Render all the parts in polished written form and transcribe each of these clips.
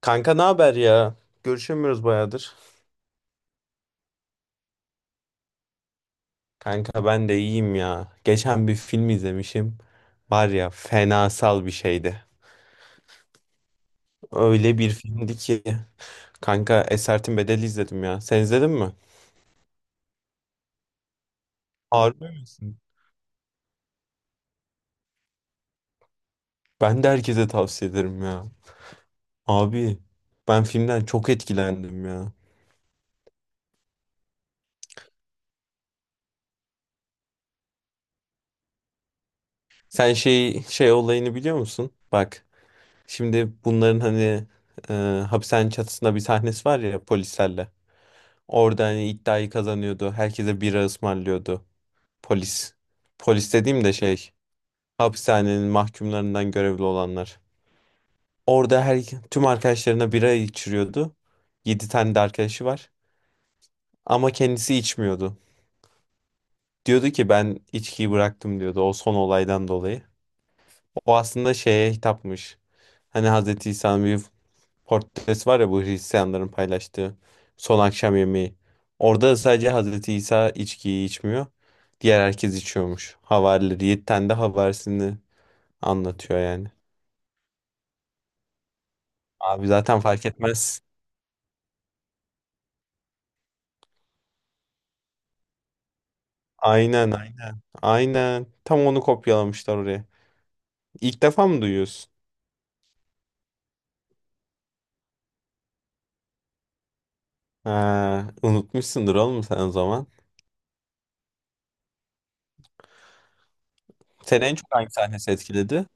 Kanka ne haber ya? Görüşemiyoruz bayağıdır. Kanka ben de iyiyim ya. Geçen bir film izlemişim. Var ya fenasal bir şeydi. Öyle bir filmdi ki. Kanka Esaretin Bedeli izledim ya. Sen izledin mi? Harbi misin? Ben de herkese tavsiye ederim ya. Abi ben filmden çok etkilendim ya. Sen şey olayını biliyor musun? Bak şimdi bunların hani e, hapishanenin çatısında bir sahnesi var ya polislerle. Orada hani iddiayı kazanıyordu. Herkese bira ısmarlıyordu. Polis. Polis dediğim de şey, hapishanenin mahkumlarından görevli olanlar. Orada her tüm arkadaşlarına bira içiriyordu. 7 tane de arkadaşı var. Ama kendisi içmiyordu. Diyordu ki ben içkiyi bıraktım diyordu o son olaydan dolayı. O aslında şeye hitapmış. Hani Hazreti İsa'nın bir Portres var ya, bu Hristiyanların paylaştığı son akşam yemeği. Orada sadece Hazreti İsa içkiyi içmiyor. Diğer herkes içiyormuş. Havarileri 7 tane de havarisini anlatıyor yani. Abi zaten fark etmez. Aynen. Tam onu kopyalamışlar oraya. İlk defa mı duyuyorsun? Ha, unutmuşsundur oğlum sen o zaman. Seni en çok hangi sahnesi etkiledi?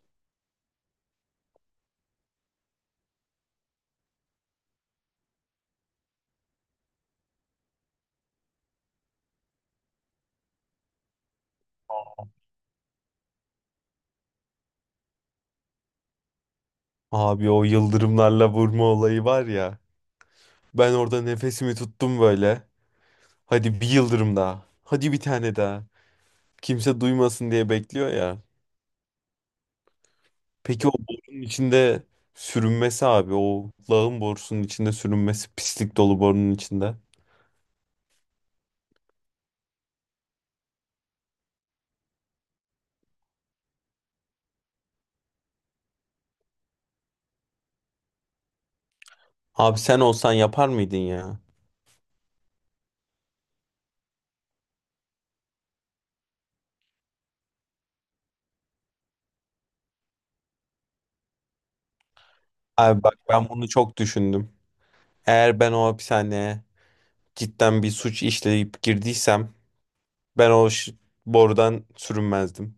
Abi o yıldırımlarla vurma olayı var ya. Ben orada nefesimi tuttum böyle. Hadi bir yıldırım daha. Hadi bir tane daha. Kimse duymasın diye bekliyor ya. Peki o borunun içinde sürünmesi abi. O lağım borusunun içinde sürünmesi. Pislik dolu borunun içinde. Abi sen olsan yapar mıydın ya? Abi bak ben bunu çok düşündüm. Eğer ben o hapishaneye cidden bir suç işleyip girdiysem ben borudan sürünmezdim.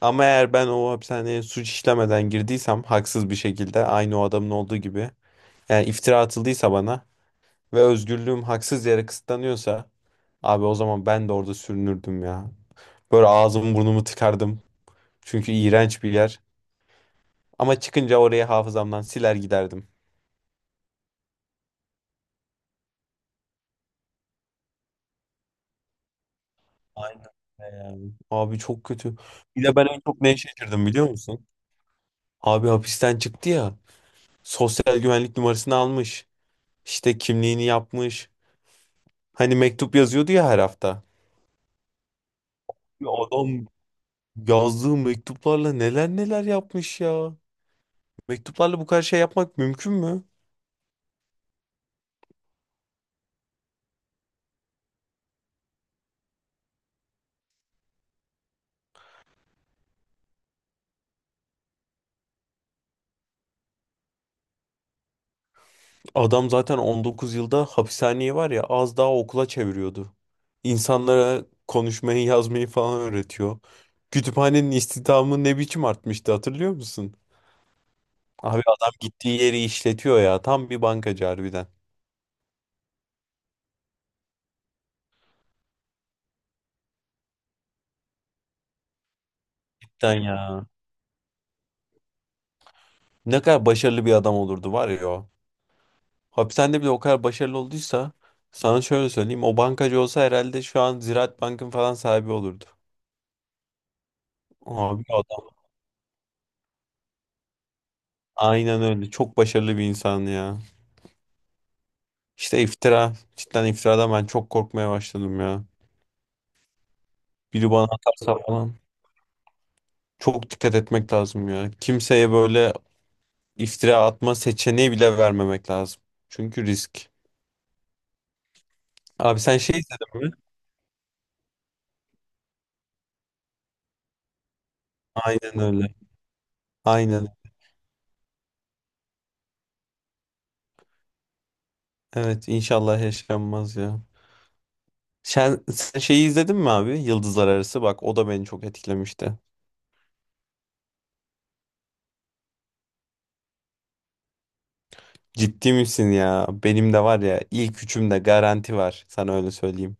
Ama eğer ben o hapishaneye suç işlemeden girdiysem haksız bir şekilde aynı o adamın olduğu gibi, yani iftira atıldıysa bana ve özgürlüğüm haksız yere kısıtlanıyorsa abi, o zaman ben de orada sürünürdüm ya. Böyle ağzımı burnumu tıkardım. Çünkü iğrenç bir yer. Ama çıkınca orayı hafızamdan siler giderdim. Aynen, öyle ya. Abi çok kötü. Bir de ben en çok neye şaşırdım biliyor musun? Abi hapisten çıktı ya. Sosyal güvenlik numarasını almış. İşte kimliğini yapmış. Hani mektup yazıyordu ya her hafta. Ya adam yazdığı mektuplarla neler neler yapmış ya. Mektuplarla bu kadar şey yapmak mümkün mü? Adam zaten 19 yılda hapishaneyi var ya az daha okula çeviriyordu. İnsanlara konuşmayı, yazmayı falan öğretiyor. Kütüphanenin istihdamı ne biçim artmıştı hatırlıyor musun? Abi adam gittiği yeri işletiyor ya. Tam bir bankacı harbiden. Cidden ya. Ne kadar başarılı bir adam olurdu var ya o. Hapishanede bile o kadar başarılı olduysa sana şöyle söyleyeyim. O bankacı olsa herhalde şu an Ziraat Bank'ın falan sahibi olurdu. Abi adam. Aynen öyle. Çok başarılı bir insan ya. İşte iftira. Cidden iftiradan ben çok korkmaya başladım ya. Biri bana atarsa falan çok dikkat etmek lazım ya. Kimseye böyle iftira atma seçeneği bile vermemek lazım. Çünkü risk. Abi sen şey izledin mi? Aynen öyle. Aynen. Evet, inşallah yaşanmaz ya. Sen şeyi izledin mi abi? Yıldızlar Arası. Bak o da beni çok etkilemişti. Ciddi misin ya? Benim de var ya, ilk üçümde garanti var. Sana öyle söyleyeyim.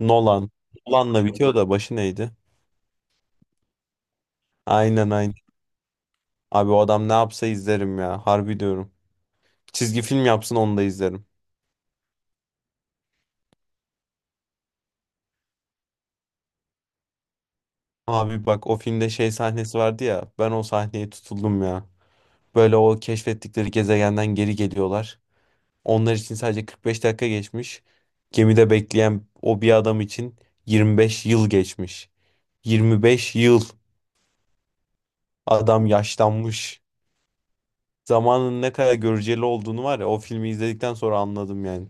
Nolan. Nolan'la bitiyor da başı neydi? Aynen aynen. Abi o adam ne yapsa izlerim ya. Harbi diyorum. Çizgi film yapsın onu da izlerim. Abi bak o filmde şey sahnesi vardı ya. Ben o sahneye tutuldum ya. Böyle o keşfettikleri gezegenden geri geliyorlar. Onlar için sadece 45 dakika geçmiş. Gemide bekleyen o bir adam için 25 yıl geçmiş. 25 yıl adam yaşlanmış. Zamanın ne kadar göreceli olduğunu var ya o filmi izledikten sonra anladım yani.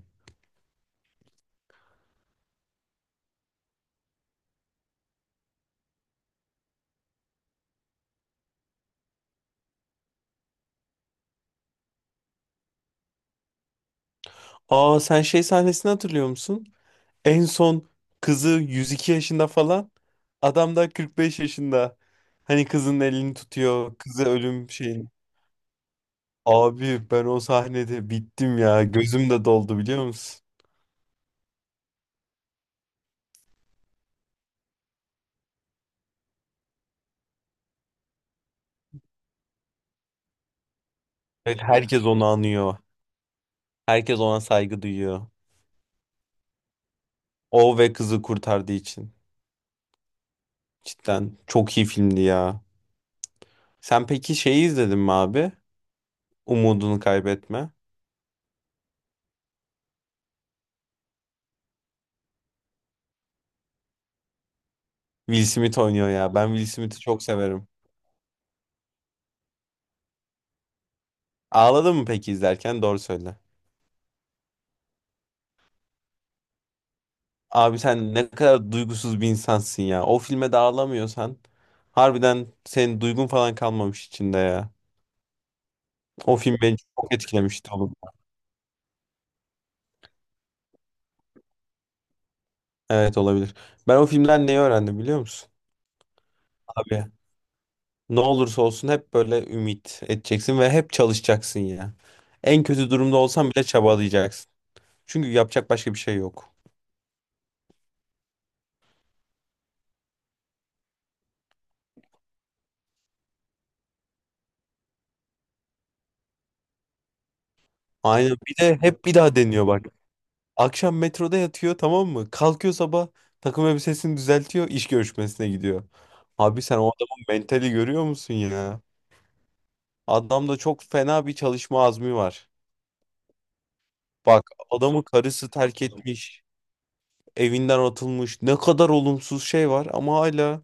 Aa, sen şey sahnesini hatırlıyor musun? En son kızı 102 yaşında falan, adam da 45 yaşında. Hani kızın elini tutuyor, kızı ölüm şeyini. Abi ben o sahnede bittim ya. Gözüm de doldu biliyor musun? Evet, herkes onu anıyor. Herkes ona saygı duyuyor. O ve kızı kurtardığı için. Cidden çok iyi filmdi ya. Sen peki şeyi izledin mi abi? Umudunu kaybetme. Will Smith oynuyor ya. Ben Will Smith'i çok severim. Ağladın mı peki izlerken? Doğru söyle. Abi sen ne kadar duygusuz bir insansın ya. O filme de ağlamıyorsan harbiden senin duygun falan kalmamış içinde ya. O film beni çok etkilemişti oğlum. Evet, olabilir. Ben o filmden neyi öğrendim biliyor musun? Abi ne olursa olsun hep böyle ümit edeceksin ve hep çalışacaksın ya. En kötü durumda olsan bile çabalayacaksın. Çünkü yapacak başka bir şey yok. Aynen, bir de hep bir daha deniyor bak. Akşam metroda yatıyor tamam mı? Kalkıyor sabah takım elbisesini düzeltiyor, iş görüşmesine gidiyor. Abi sen o adamın mentali görüyor musun ya? Adamda çok fena bir çalışma azmi var. Bak, adamı karısı terk etmiş, evinden atılmış. Ne kadar olumsuz şey var ama hala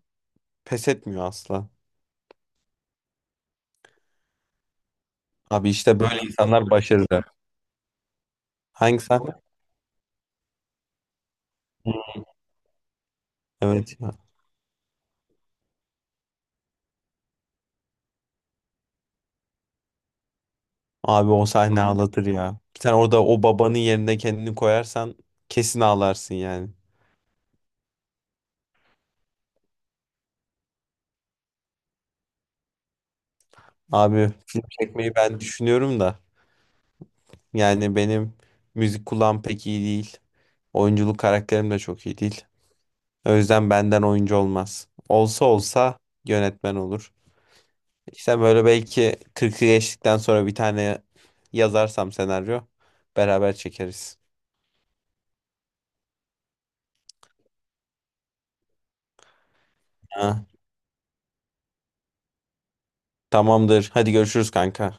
pes etmiyor asla. Abi işte böyle insanlar başarılı. Hangi sahne? Evet ya. Abi o sahne ağlatır ya. Sen orada o babanın yerine kendini koyarsan kesin ağlarsın yani. Abi film çekmeyi ben düşünüyorum da yani benim müzik kulağım pek iyi değil. Oyunculuk karakterim de çok iyi değil. O yüzden benden oyuncu olmaz. Olsa olsa yönetmen olur. İşte böyle belki 40'ı geçtikten sonra bir tane yazarsam senaryo beraber çekeriz. Ha, tamamdır. Hadi görüşürüz kanka.